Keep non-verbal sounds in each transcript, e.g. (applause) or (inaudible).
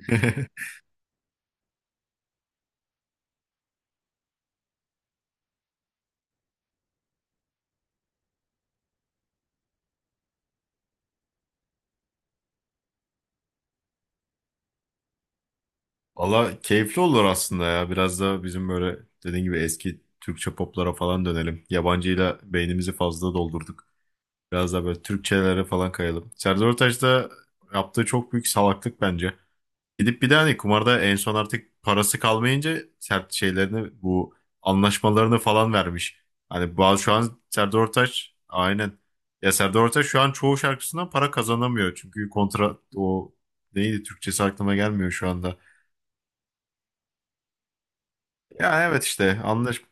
(laughs) Valla keyifli olur aslında ya. Biraz da bizim böyle dediğin gibi eski Türkçe poplara falan dönelim. Yabancıyla beynimizi fazla doldurduk. Biraz da böyle Türkçelere falan kayalım. Serdar Ortaç da yaptığı çok büyük salaklık bence. Gidip bir de hani kumarda en son artık parası kalmayınca sert şeylerini bu anlaşmalarını falan vermiş. Hani bazı şu an Serdar Ortaç aynen. Ya Serdar Ortaç şu an çoğu şarkısından para kazanamıyor. Çünkü kontra o neydi Türkçesi aklıma gelmiyor şu anda. Ya evet işte anlaş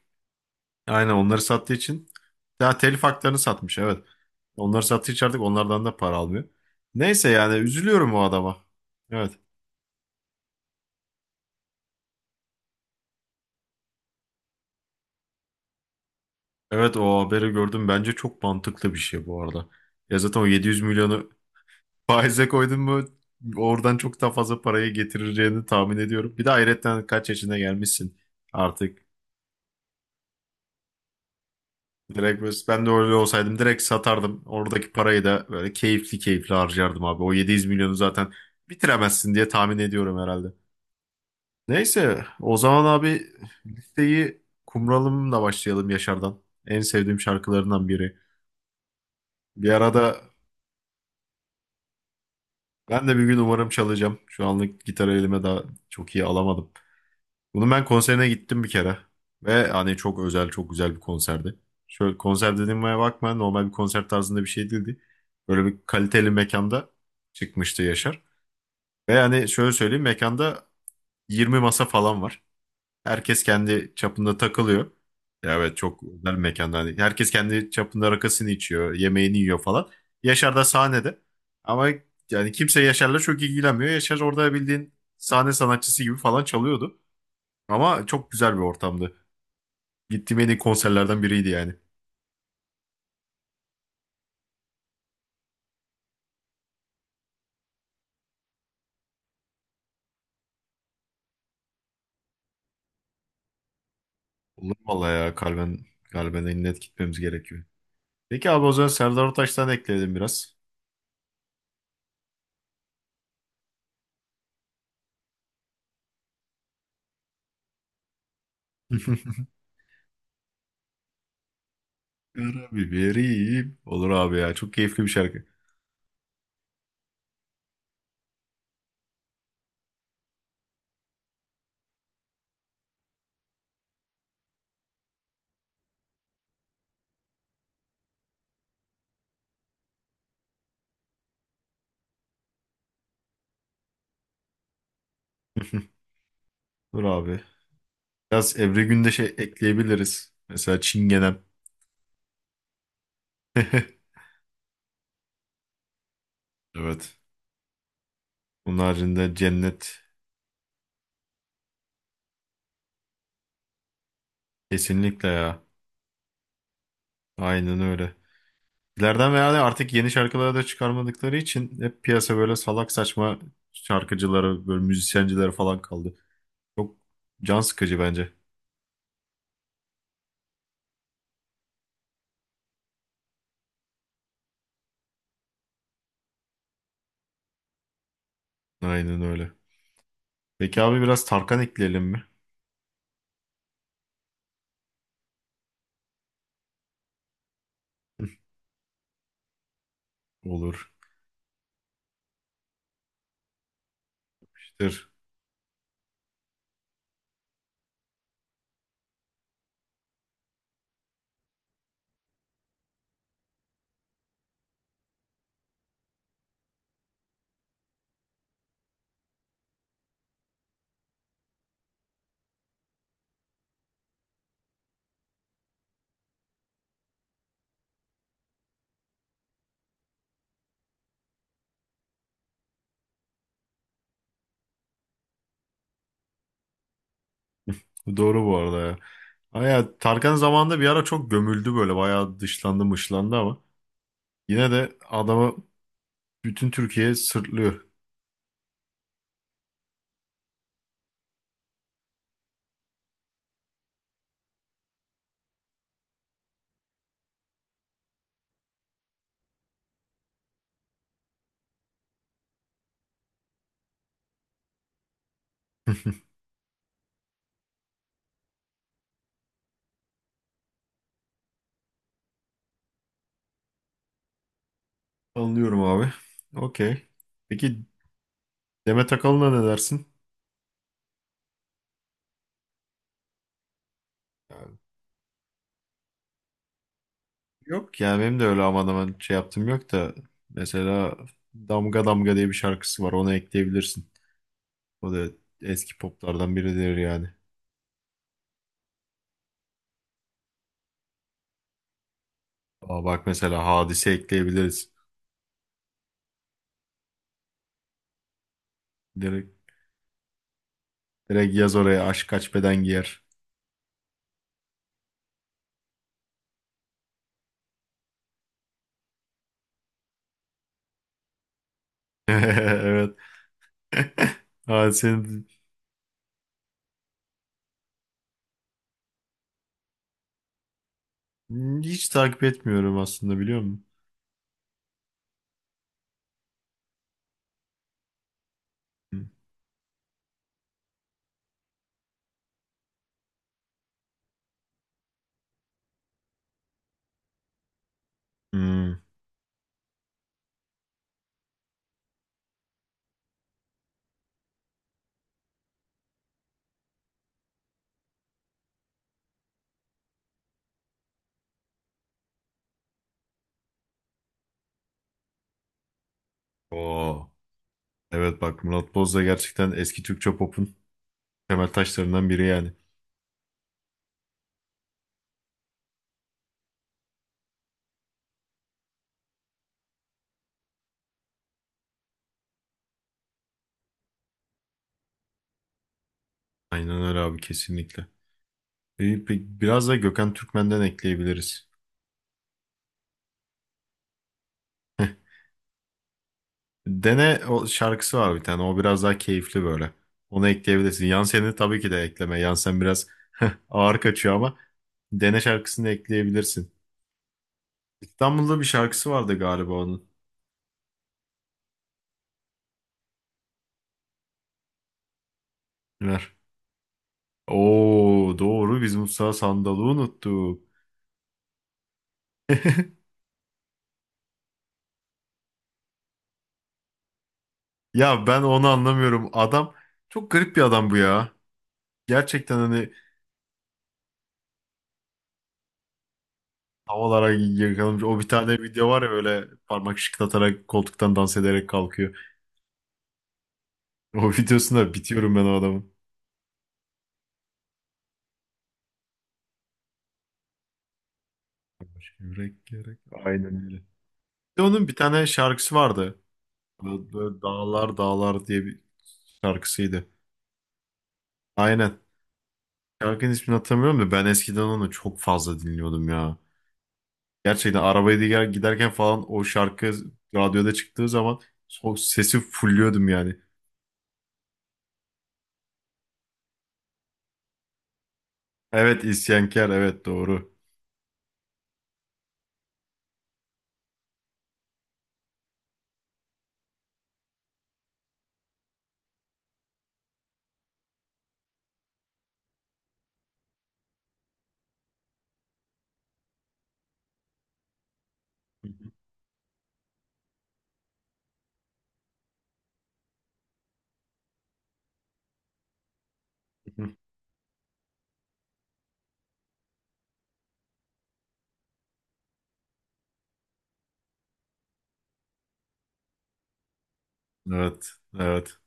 aynen onları sattığı için daha telif haklarını satmış evet. Onları sattığı için artık onlardan da para almıyor. Neyse yani üzülüyorum o adama. Evet. Evet o haberi gördüm. Bence çok mantıklı bir şey bu arada. Ya zaten o 700 milyonu (laughs) faize koydun mu oradan çok daha fazla parayı getireceğini tahmin ediyorum. Bir de hayretten kaç yaşına gelmişsin artık. Direkt ben de öyle olsaydım direkt satardım. Oradaki parayı da böyle keyifli keyifli harcardım abi. O 700 milyonu zaten bitiremezsin diye tahmin ediyorum herhalde. Neyse o zaman abi listeyi Kumralım'la başlayalım Yaşar'dan. En sevdiğim şarkılarından biri. Bir arada ben de bir gün umarım çalacağım. Şu anlık gitarı elime daha çok iyi alamadım. Bunun ben konserine gittim bir kere. Ve hani çok özel, çok güzel bir konserdi. Şöyle konser dediğime bakma, normal bir konser tarzında bir şey değildi. Böyle bir kaliteli mekanda çıkmıştı Yaşar. Ve hani şöyle söyleyeyim, mekanda 20 masa falan var. Herkes kendi çapında takılıyor. Ya evet, çok özel bir mekanda. Hani herkes kendi çapında rakısını içiyor, yemeğini yiyor falan. Yaşar da sahnede. Ama yani kimse Yaşar'la çok ilgilenmiyor. Yaşar orada bildiğin sahne sanatçısı gibi falan çalıyordu. Ama çok güzel bir ortamdı. Gittiğim en iyi konserlerden biriydi yani. Olur vallahi ya, kalben kalben net gitmemiz gerekiyor. Peki abi, o zaman Serdar Ortaç'tan ekleyelim biraz. (laughs) Kara biberim. Olur abi ya, çok keyifli bir şarkı. (laughs) Dur abi. Biraz Ebru Gündeş'e ekleyebiliriz. Mesela Çingenem. (laughs) Evet. Bunun haricinde Cennet. Kesinlikle ya. Aynen öyle. İleriden veya de artık yeni şarkıları da çıkarmadıkları için hep piyasa böyle salak saçma şarkıcıları, böyle müzisyencileri falan kaldı. Çok can sıkıcı bence. Aynen öyle. Peki abi, biraz Tarkan ekleyelim mi? (laughs) Olur. İşte doğru bu arada ya. Ama ya Tarkan zamanında bir ara çok gömüldü böyle. Bayağı dışlandı mışlandı ama. Yine de adamı bütün Türkiye sırtlıyor. (laughs) Anlıyorum abi. Okey. Peki Demet Akalın'a ne dersin? Yani yok yani benim de öyle aman aman şey yaptım yok da. Mesela Damga Damga diye bir şarkısı var. Onu ekleyebilirsin. O da eski poplardan biridir yani. Aa, bak mesela Hadise ekleyebiliriz. Direkt, direkt yaz oraya aşk kaç beden giyer. (laughs) Evet. (laughs) Hadise'nin hiç takip etmiyorum aslında, biliyor musun? Hmm. Oo. Evet bak, Murat Boz da gerçekten eski Türkçe pop'un temel taşlarından biri yani. Aynen öyle abi, kesinlikle. Biraz da Gökhan Türkmen'den ekleyebiliriz. Dene o şarkısı var bir tane. O biraz daha keyifli böyle. Onu ekleyebilirsin. Yansen'i tabii ki de ekleme. Yansen biraz (laughs) ağır kaçıyor ama dene şarkısını ekleyebilirsin. İstanbul'da bir şarkısı vardı galiba onun. Ver. Oo doğru, biz Musa Sandal'ı unuttuk. (laughs) Ya ben onu anlamıyorum. Adam çok garip bir adam bu ya. Gerçekten hani havalara yakalanmış. O bir tane video var ya, böyle parmak şıklatarak koltuktan dans ederek kalkıyor. (laughs) O videosunda bitiyorum ben o adamın. Başka yürek gerek. Aynen öyle. Bir de onun bir tane şarkısı vardı. Böyle dağlar dağlar diye bir şarkısıydı. Aynen. Şarkının ismini hatırlamıyorum da ben eskiden onu çok fazla dinliyordum ya. Gerçekten giderken falan o şarkı radyoda çıktığı zaman o sesi fulluyordum yani. Evet isyankar, evet doğru. (laughs) Evet evet.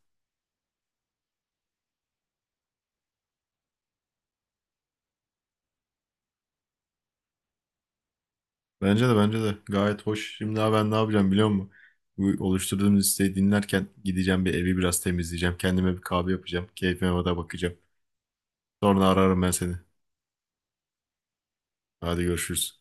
Bence de gayet hoş. Şimdi abi, ben ne yapacağım biliyor musun? Bu oluşturduğum listeyi dinlerken gideceğim, bir evi biraz temizleyeceğim. Kendime bir kahve yapacağım. Keyfime de bakacağım. Sonra ararım ben seni. Hadi görüşürüz.